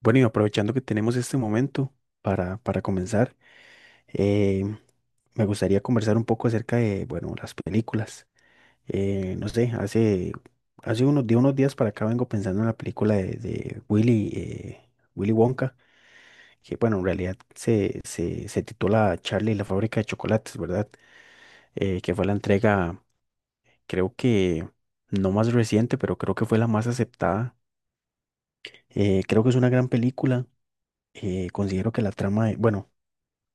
Bueno, y aprovechando que tenemos este momento para comenzar, eh, me gustaría conversar un poco acerca de, bueno, las películas. No sé, hace, hace unos, de unos días para acá vengo pensando en la película de Willy, Willy Wonka, que bueno, en realidad se titula Charlie y la fábrica de chocolates, ¿verdad? Que fue la entrega, creo que no más reciente, pero creo que fue la más aceptada. Creo que es una gran película. Considero que la trama, bueno,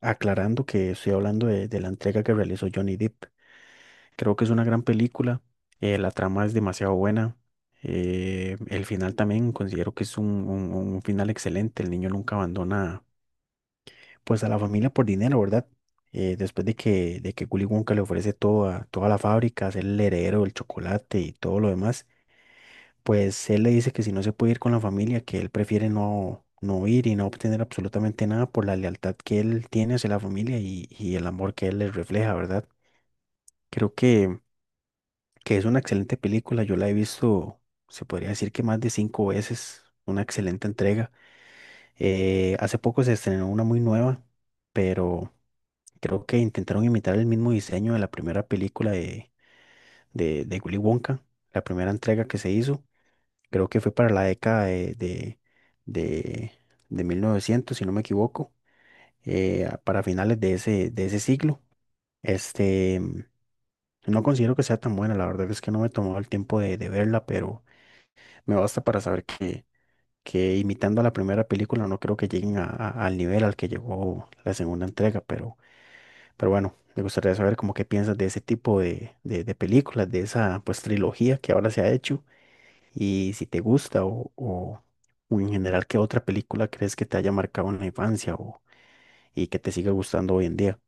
aclarando que estoy hablando de la entrega que realizó Johnny Depp. Creo que es una gran película, la trama es demasiado buena, el final también considero que es un, un final excelente, el niño nunca abandona pues a la familia por dinero, ¿verdad? Después de que Willy Wonka le ofrece toda, toda la fábrica, ser el heredero del chocolate y todo lo demás pues él le dice que si no se puede ir con la familia, que él prefiere no, no ir y no obtener absolutamente nada por la lealtad que él tiene hacia la familia y el amor que él les refleja, ¿verdad? Creo que es una excelente película, yo la he visto, se podría decir que más de 5 veces, una excelente entrega. Hace poco se estrenó una muy nueva, pero creo que intentaron imitar el mismo diseño de la primera película de, de Willy Wonka, la primera entrega que se hizo creo que fue para la década de, de, de 1900 si no me equivoco, para finales de ese siglo. Este, no considero que sea tan buena, la verdad es que no me he tomado el tiempo de verla, pero me basta para saber que imitando a la primera película no creo que lleguen al nivel al que llegó la segunda entrega, pero bueno, me gustaría saber como qué piensas de ese tipo de, de películas, de esa pues trilogía que ahora se ha hecho. Y si te gusta o, o en general, ¿qué otra película crees que te haya marcado en la infancia o, y que te siga gustando hoy en día?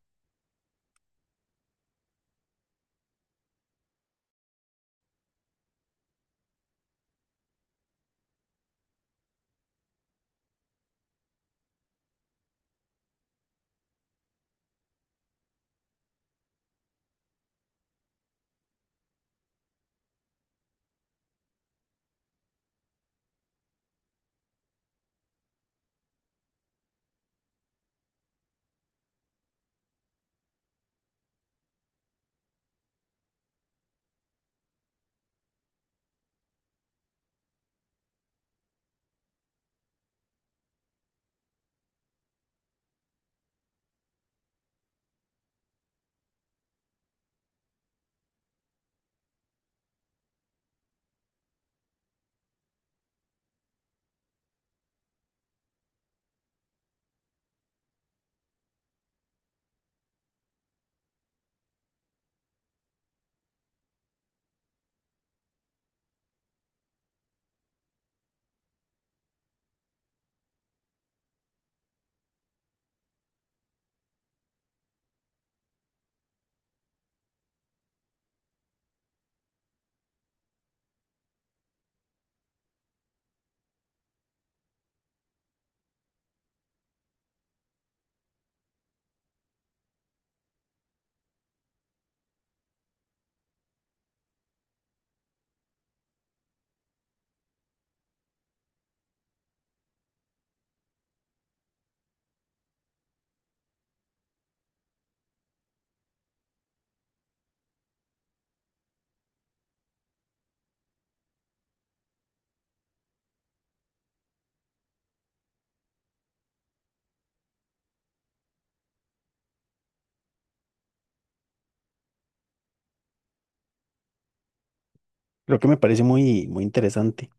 Creo que me parece muy, muy interesante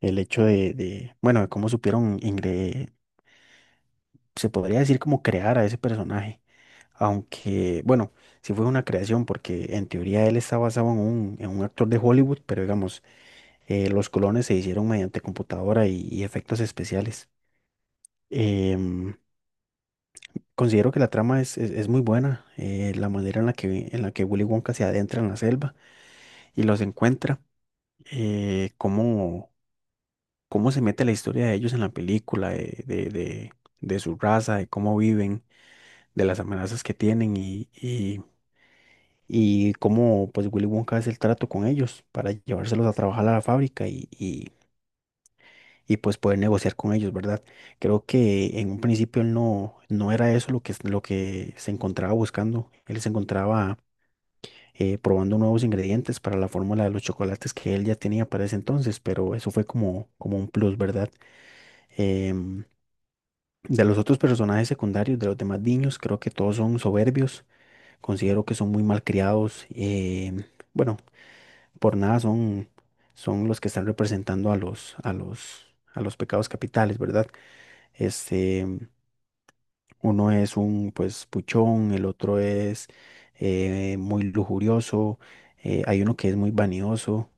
el hecho de, bueno, de cómo supieron, se podría decir como crear a ese personaje, aunque, bueno, sí fue una creación porque en teoría él está basado en un actor de Hollywood, pero digamos, los clones se hicieron mediante computadora y efectos especiales. Em, Considero que la trama es, es muy buena, la manera en la que Willy Wonka se adentra en la selva y los encuentra, eh, cómo, cómo se mete la historia de ellos en la película, de, de su raza, de cómo viven, de las amenazas que tienen y cómo pues Willy Wonka hace el trato con ellos para llevárselos a trabajar a la fábrica y pues poder negociar con ellos, ¿verdad? Creo que en un principio él no, no era eso lo que se encontraba buscando, él se encontraba probando nuevos ingredientes para la fórmula de los chocolates que él ya tenía para ese entonces, pero eso fue como, como un plus, ¿verdad? Em, de los otros personajes secundarios, de los demás niños, creo que todos son soberbios, considero que son muy malcriados, bueno, por nada son, son los que están representando a los, a los pecados capitales, ¿verdad? Este, uno es un pues puchón, el otro es muy lujurioso, hay uno que es muy vanidoso.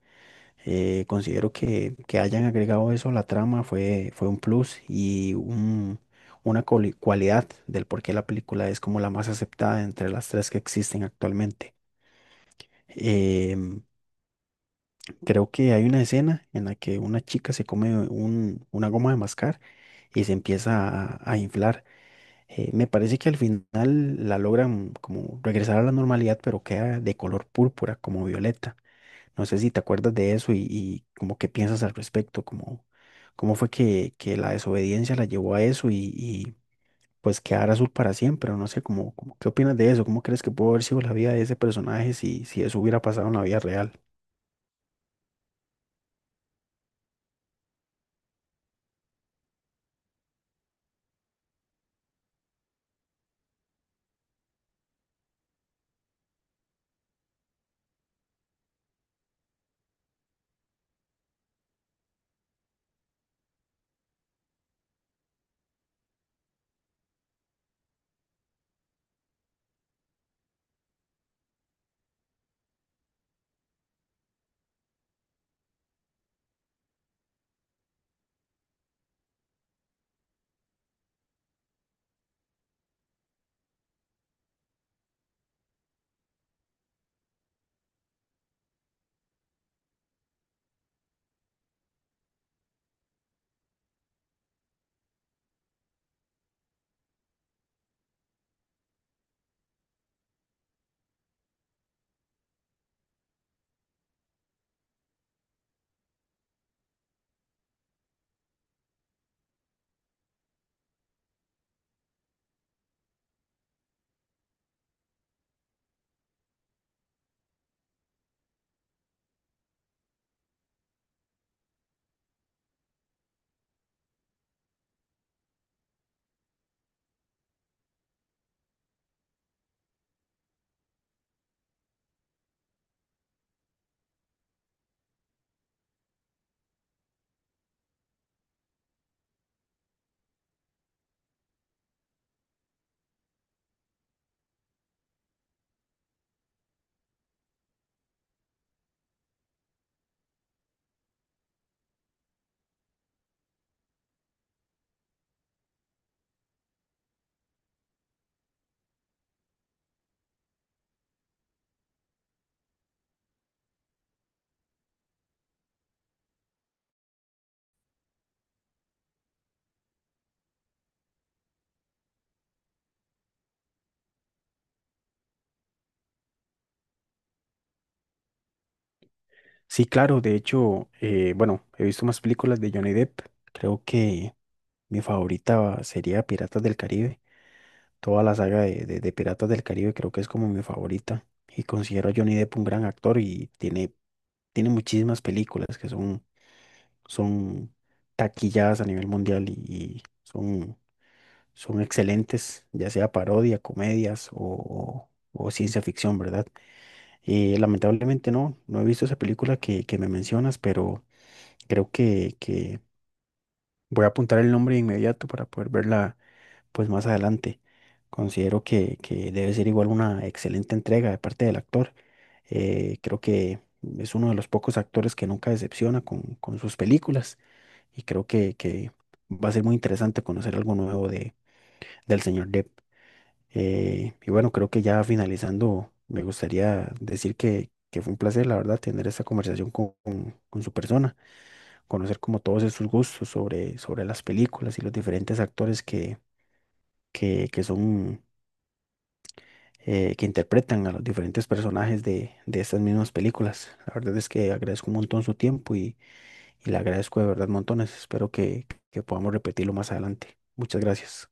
Considero que hayan agregado eso a la trama fue, fue un plus y una cualidad del por qué la película es como la más aceptada entre las tres que existen actualmente. Em, Creo que hay una escena en la que una chica se come una goma de mascar y se empieza a inflar. Me parece que al final la logran como regresar a la normalidad, pero queda de color púrpura, como violeta. No sé si te acuerdas de eso y como qué piensas al respecto, como cómo fue que la desobediencia la llevó a eso y pues quedar azul para siempre, o no sé, como, como qué opinas de eso, cómo crees que pudo haber sido la vida de ese personaje si, si eso hubiera pasado en la vida real. Sí, claro, de hecho, bueno, he visto más películas de Johnny Depp, creo que mi favorita sería Piratas del Caribe, toda la saga de Piratas del Caribe creo que es como mi favorita y considero a Johnny Depp un gran actor y tiene tiene muchísimas películas que son son taquilladas a nivel mundial y son, son excelentes, ya sea parodia, comedias o, o ciencia ficción, ¿verdad? Lamentablemente no, no he visto esa película que me mencionas, pero creo que voy a apuntar el nombre de inmediato para poder verla pues más adelante. Considero que debe ser igual una excelente entrega de parte del actor. Creo que es uno de los pocos actores que nunca decepciona con sus películas y creo que va a ser muy interesante conocer algo nuevo de, del señor Depp. Y bueno, creo que ya finalizando, me gustaría decir que fue un placer, la verdad, tener esta conversación con, con su persona, conocer como todos sus gustos sobre, sobre las películas y los diferentes actores que son que interpretan a los diferentes personajes de estas mismas películas. La verdad es que agradezco un montón su tiempo y le agradezco de verdad montones. Espero que podamos repetirlo más adelante. Muchas gracias.